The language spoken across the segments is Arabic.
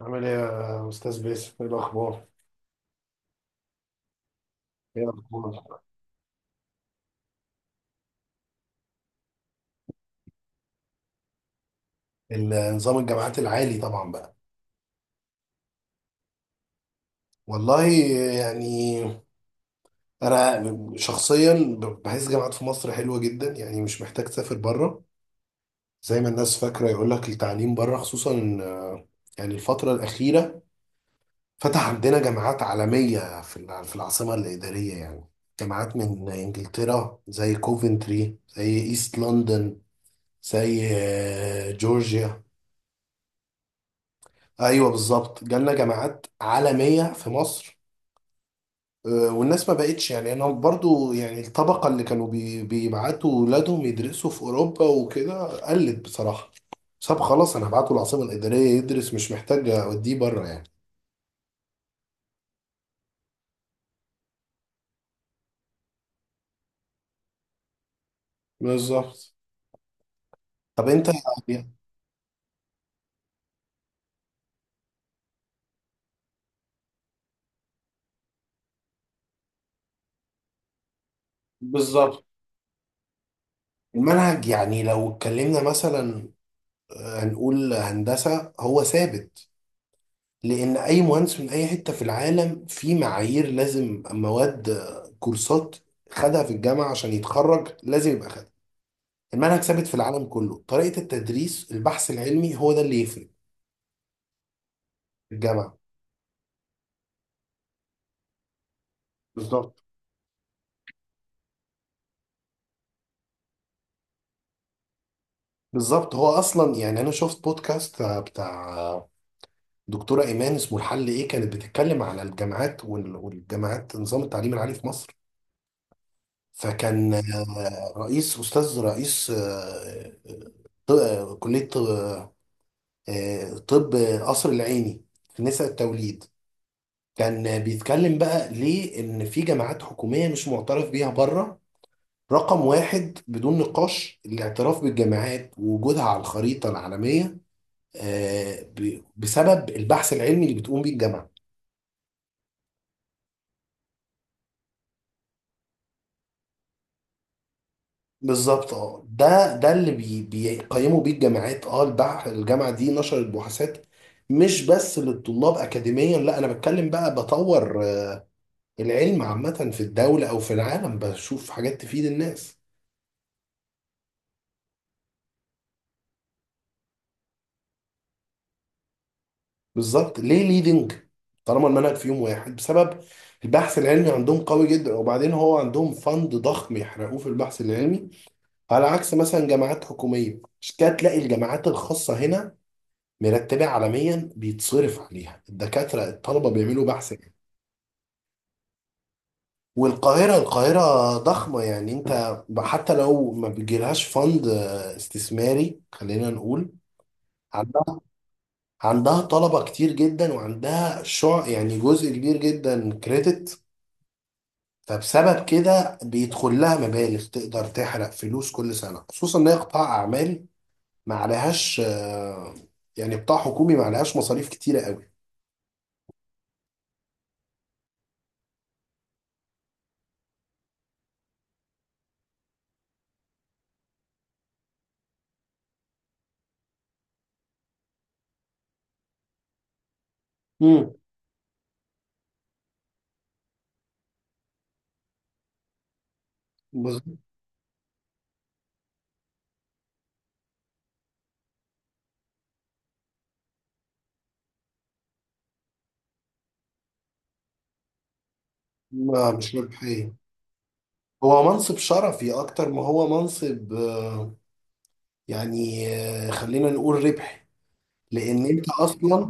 عامل ايه يا استاذ باسم، ايه الاخبار؟ ايه الاخبار؟ النظام الجامعات العالي طبعا بقى. والله، يعني انا شخصيا بحس جامعات في مصر حلوه جدا، يعني مش محتاج تسافر بره زي ما الناس فاكره يقول لك التعليم بره، خصوصا يعني الفتره الاخيره فتح عندنا جامعات عالميه في في العاصمه الاداريه، يعني جامعات من انجلترا زي كوفنتري، زي ايست لندن، زي جورجيا. ايوه بالظبط، جالنا جامعات عالميه في مصر. والناس ما بقتش، يعني انا برضو يعني الطبقه اللي كانوا بيبعتوا ولادهم يدرسوا في اوروبا وكده، قلت بصراحه طب خلاص انا هبعته العاصمه الاداريه يدرس، مش محتاج اوديه بره يعني. بالظبط. طب انت، يعني بالظبط. المنهج يعني لو اتكلمنا مثلا، هنقول هندسه هو ثابت، لان اي مهندس من اي حته في العالم في معايير لازم مواد، كورسات خدها في الجامعه عشان يتخرج، لازم يبقى خدها. المنهج ثابت في العالم كله، طريقه التدريس البحث العلمي هو ده اللي يفرق في الجامعه. بالظبط بالظبط. هو اصلا يعني انا شفت بودكاست بتاع دكتوره ايمان اسمه الحل ايه، كانت بتتكلم على الجامعات والجامعات نظام التعليم العالي في مصر. فكان رئيس استاذ رئيس آه، كليه طب، طب قصر العيني في نساء التوليد. كان بيتكلم بقى ليه ان في جامعات حكوميه مش معترف بيها بره. رقم واحد بدون نقاش الاعتراف بالجامعات ووجودها على الخريطه العالميه، بسبب البحث العلمي اللي بتقوم بيه الجامعه. بالظبط، اه ده اللي بيقيموا بيه الجامعات. اه الجامعه دي نشرت بحوثات مش بس للطلاب اكاديميا، لا، انا بتكلم بقى بطور العلم عامة في الدولة أو في العالم، بشوف حاجات تفيد الناس. بالظبط ليه ليدنج؟ طالما المنهج فيهم واحد، بسبب البحث العلمي عندهم قوي جدا، وبعدين هو عندهم فند ضخم يحرقوه في البحث العلمي، على عكس مثلا جامعات حكومية. مش كده، تلاقي الجامعات الخاصة هنا مرتبة عالميا، بيتصرف عليها الدكاترة، الطلبة بيعملوا بحث علمي. والقاهرة، القاهرة ضخمة يعني، انت حتى لو ما بيجيلهاش فند استثماري خلينا نقول، عندها طلبة كتير جدا وعندها شع يعني جزء كبير جدا كريدت، فبسبب كده بيدخل لها مبالغ تقدر تحرق فلوس كل سنة، خصوصا ان هي قطاع اعمال، ما عليهاش يعني قطاع حكومي ما عليهاش مصاريف كتيرة قوي. امم. بالظبط. ما مش ربحية. هو منصب شرفي اكتر ما هو منصب يعني خلينا نقول ربحي، لان انت اصلا.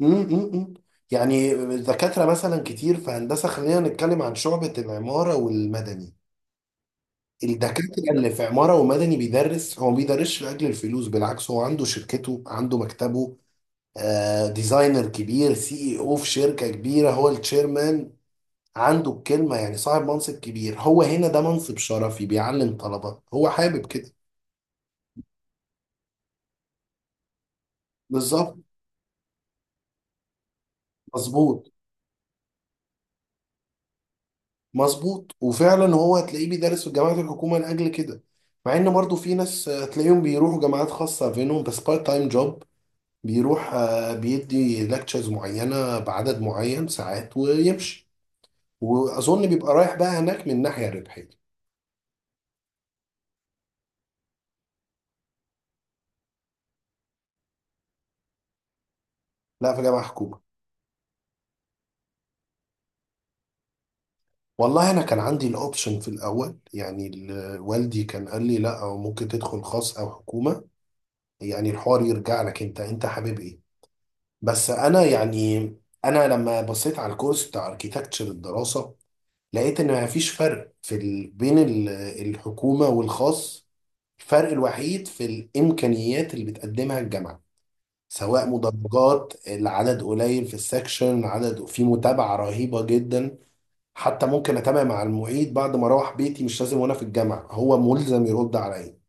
إمم، إمم. يعني الدكاترة مثلا كتير في هندسة، خلينا نتكلم عن شعبة العمارة والمدني. الدكاترة اللي في عمارة ومدني بيدرس، هو ما بيدرسش لأجل الفلوس، بالعكس هو عنده شركته، عنده مكتبه، آه ديزاينر كبير، سي اي او في شركة كبيرة، هو التشيرمان، عنده الكلمة، يعني صاحب منصب كبير. هو هنا ده منصب شرفي، بيعلم طلبة هو حابب كده. بالظبط. مظبوط مظبوط. وفعلا هو هتلاقيه بيدرس في جامعات الحكومه لاجل كده، مع ان برضو في ناس تلاقيهم بيروحوا جامعات خاصه، فينهم بس بارت تايم جوب، بيروح بيدي لكتشرز معينه بعدد معين ساعات ويمشي. واظن بيبقى رايح بقى هناك من ناحيه ربحيه. لا، في جامعه حكومه. والله انا كان عندي الاوبشن في الاول، يعني والدي كان قال لي لا، أو ممكن تدخل خاص او حكومه، يعني الحوار يرجع لك انت، انت حابب ايه. بس انا يعني، انا لما بصيت على الكورس بتاع اركيتكتشر الدراسه، لقيت ان ما فيش فرق في بين الحكومه والخاص. الفرق الوحيد في الامكانيات اللي بتقدمها الجامعه، سواء مدرجات العدد قليل في السكشن، عدد في متابعه رهيبه جدا. حتى ممكن اتابع مع المعيد بعد ما اروح بيتي، مش لازم وانا في الجامعه، هو ملزم يرد عليا.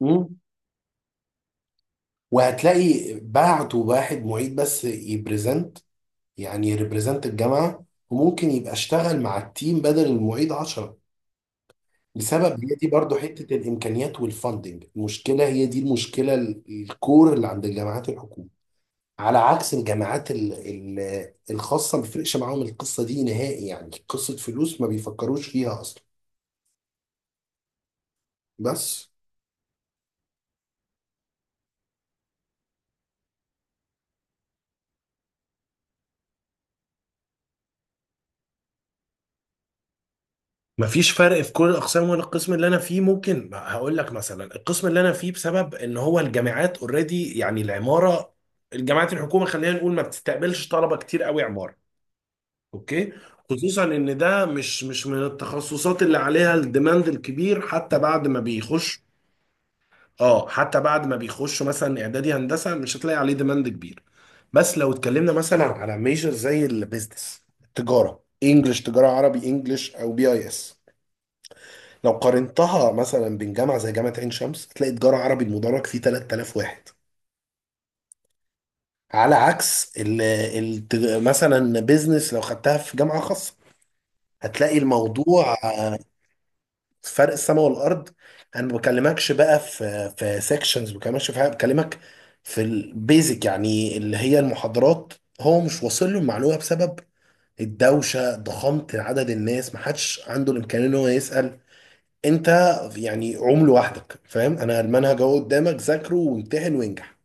مم. وهتلاقي بعتوا واحد معيد بس يبريزنت، يعني يريبريزنت الجامعه، وممكن يبقى اشتغل مع التيم بدل المعيد 10، لسبب هي دي برضو حته الامكانيات والفاندنج. المشكله هي دي المشكله، الكور اللي عند الجامعات الحكوميه. على عكس الجامعات الخاصه، ما بيفرقش معاهم القصه دي نهائي، يعني قصه فلوس ما بيفكروش فيها اصلا. بس، مفيش فرق في كل الاقسام ولا القسم اللي انا فيه. ممكن هقول لك مثلا القسم اللي انا فيه، بسبب ان هو الجامعات اوريدي يعني العماره، الجامعات الحكومه خلينا نقول ما بتستقبلش طلبه كتير قوي عماره. اوكي، خصوصا ان ده مش من التخصصات اللي عليها الديماند الكبير. حتى بعد ما بيخش، اه حتى بعد ما بيخشوا مثلا اعدادي هندسه، مش هتلاقي عليه ديماند كبير. بس لو اتكلمنا مثلا على ميجر زي البيزنس، التجاره انجلش، تجاره عربي انجلش، او بي اي اس، لو قارنتها مثلا بين جامعه زي جامعه عين شمس، هتلاقي تجاره عربي المدرج فيه 3,000 واحد، على عكس ال مثلا بيزنس لو خدتها في جامعه خاصه، هتلاقي الموضوع فرق السماء والارض. انا ما بكلمكش بقى في سيكشنز، ما بكلمكش في حاجه، بكلمك في البيزك يعني اللي هي المحاضرات. هو مش واصل له المعلومه بسبب الدوشه، ضخامه عدد الناس، ما حدش عنده الامكانيه ان هو يسال. انت يعني عمل لوحدك، فاهم انا المنهج اهو قدامك، ذاكره وامتحن وانجح.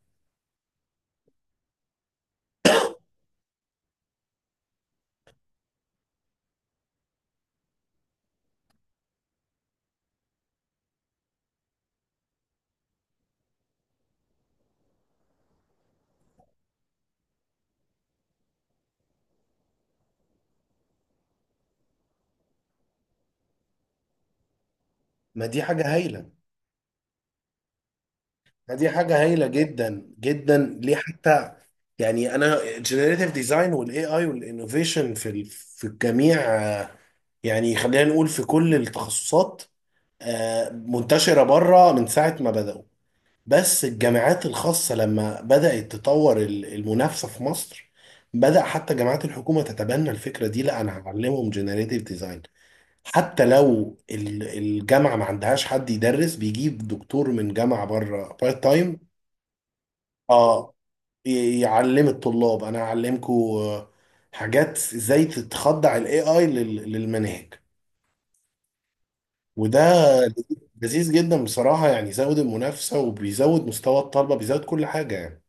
ما دي حاجه هايله. ما دي حاجه هايله جدا جدا، ليه حتى يعني انا، الجنريتيف ديزاين والاي اي والانوفيشن في في الجميع، يعني خلينا نقول في كل التخصصات، منتشره بره من ساعه ما بداوا. بس الجامعات الخاصه لما بدات تطور المنافسه في مصر، بدأ حتى جامعات الحكومة تتبنى الفكرة دي، لا أنا هعلمهم جنريتيف ديزاين. حتى لو الجامعة ما عندهاش حد يدرس، بيجيب دكتور من جامعة بره بارت تايم. اه يعلم الطلاب انا هعلمكم حاجات ازاي تتخضع الاي اي للمناهج، وده لذيذ جدا بصراحة، يعني يزود المنافسة وبيزود مستوى الطلبة، بيزود كل حاجة يعني.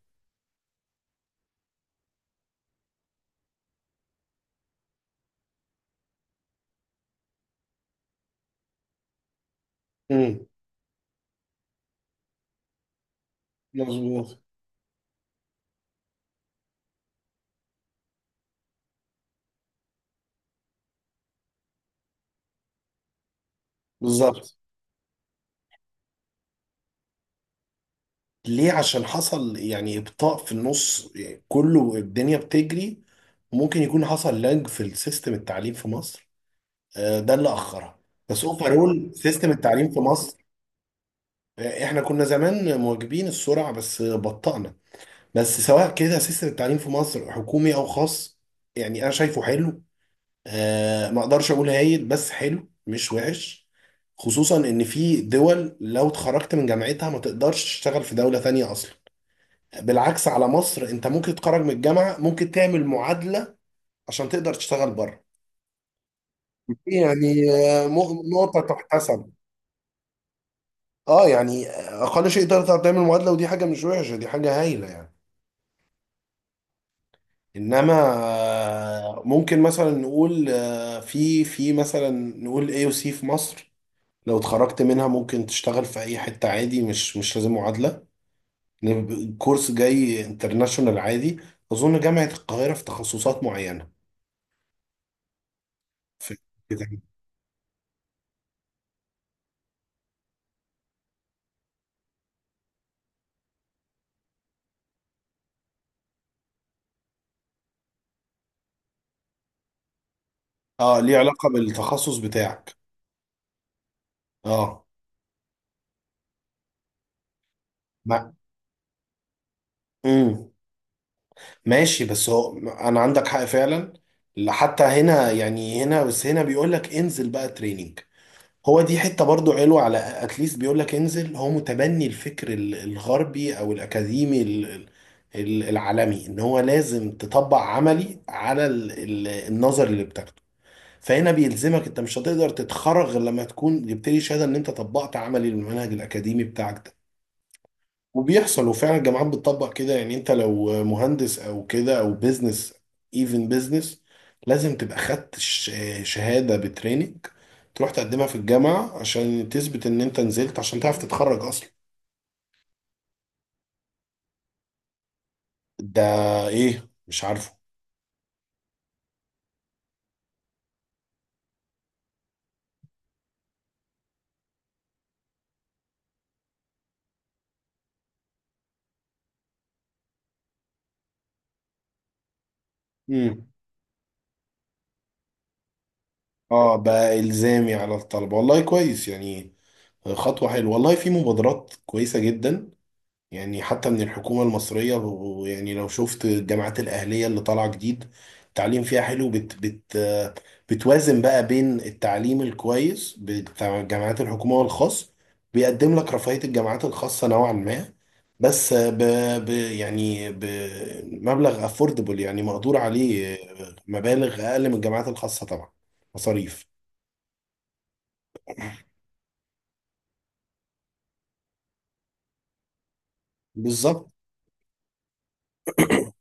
امم. مظبوط. بالظبط. ليه؟ عشان حصل يعني ابطاء في النص يعني، كله الدنيا بتجري، ممكن يكون حصل لاج في السيستم التعليم في مصر، ده اللي اخرها. بس اوفرول سيستم التعليم في مصر، احنا كنا زمان مواكبين السرعه، بس بطأنا. بس سواء كده سيستم التعليم في مصر حكومي او خاص، يعني انا شايفه حلو، ما اقدرش اقول هايل، بس حلو مش وحش. خصوصا ان في دول لو اتخرجت من جامعتها ما تقدرش تشتغل في دوله ثانيه اصلا، بالعكس على مصر انت ممكن تتخرج من الجامعه، ممكن تعمل معادله عشان تقدر تشتغل بره. يعني نقطه تحتسب. اه يعني اقل شيء تقدر تعمل معادله، ودي حاجه مش وحشه، دي حاجه هايله يعني. انما ممكن مثلا نقول في مثلا نقول اي او سي في مصر، لو اتخرجت منها ممكن تشتغل في اي حته عادي، مش مش لازم معادله. الكورس جاي انترناشونال عادي، اظن جامعه القاهره في تخصصات معينه. في- اه، ليه علاقه بالتخصص بتاعك. اه مع امم، ماشي بس هو انا عندك حق فعلا. حتى هنا يعني، هنا بس هنا بيقول لك انزل بقى تريننج، هو دي حتة برضو حلوة. على اتليست بيقول لك انزل، هو متبني الفكر الغربي او الاكاديمي العالمي، ان هو لازم تطبق عملي على النظر اللي بتاخده. فهنا بيلزمك، انت مش هتقدر تتخرج غير لما تكون جبت لي شهادة ان انت طبقت عملي للمنهج الاكاديمي بتاعك ده. وبيحصل، وفعلا الجامعات بتطبق كده. يعني انت لو مهندس او كده، او بيزنس، ايفن بيزنس، لازم تبقى خدت شهادة بتريننج تروح تقدمها في الجامعة عشان تثبت ان انت نزلت، عشان تعرف تتخرج اصلا. ده ايه؟ مش عارفه. امم. اه بقى الزامي على الطلبة، والله كويس يعني، خطوة حلوة. والله في مبادرات كويسة جدا، يعني حتى من الحكومة المصرية يعني لو شفت الجامعات الأهلية اللي طالعة جديد، التعليم فيها حلو، بت بتوازن بقى بين التعليم الكويس بتاع جامعات الحكومة والخاص، بيقدم لك رفاهية الجامعات الخاصة نوعا ما، بس ب ب يعني بمبلغ افوردبل يعني مقدور عليه، مبالغ أقل من الجامعات الخاصة طبعا، مصاريف. بالظبط.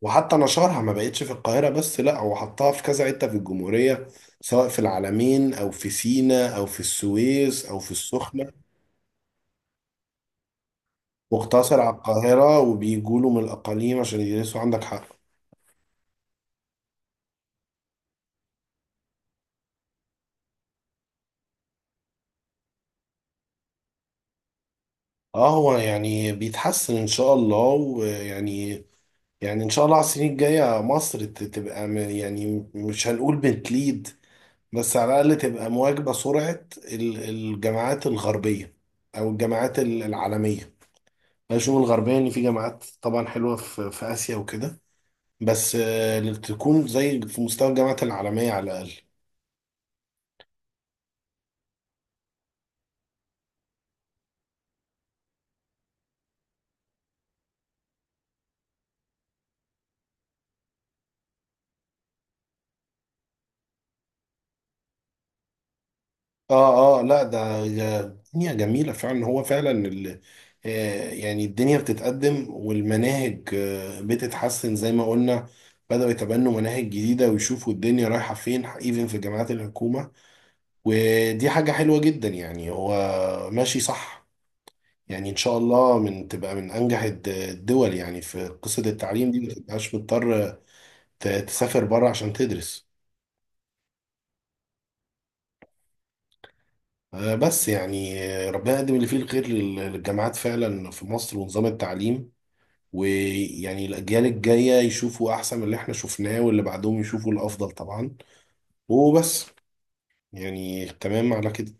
وحتى نشرها ما بقتش في القاهرة بس، لا، هو حطها في كذا حتة في الجمهورية، سواء في العلمين أو في سينا أو في السويس أو في السخنة، واقتصر على القاهرة وبيجوا له من الأقاليم عشان يدرسوا. عندك حق. اه، هو يعني بيتحسن إن شاء الله، ويعني، يعني إن شاء الله على السنين الجاية مصر تبقى يعني مش هنقول بتليد، بس على الأقل تبقى مواكبة سرعة الجامعات الغربية، أو الجامعات العالمية، الشعوب الغربية، إن في جامعات طبعا حلوة في، في آسيا وكده، بس اللي تكون زي في مستوى الجامعات العالمية على الأقل. آه آه لا ده دنيا جميلة فعلا. هو فعلا يعني الدنيا بتتقدم، والمناهج بتتحسن زي ما قلنا، بدأوا يتبنوا مناهج جديدة ويشوفوا الدنيا رايحة فين، ايفن في جامعات الحكومة، ودي حاجة حلوة جدا يعني. هو ماشي صح، يعني ان شاء الله من تبقى من انجح الدول يعني في قصة التعليم دي، ما تبقاش مضطر تسافر بره عشان تدرس. بس يعني ربنا يقدم اللي فيه الخير للجامعات فعلا في مصر ونظام التعليم، ويعني الاجيال الجاية يشوفوا احسن من اللي احنا شفناه، واللي بعدهم يشوفوا الافضل طبعا. وبس، يعني تمام على كده.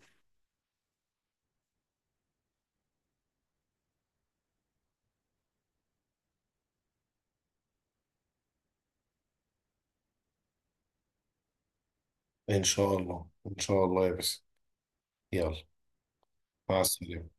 ان شاء الله ان شاء الله، يا بس، يلا، مع السلامة.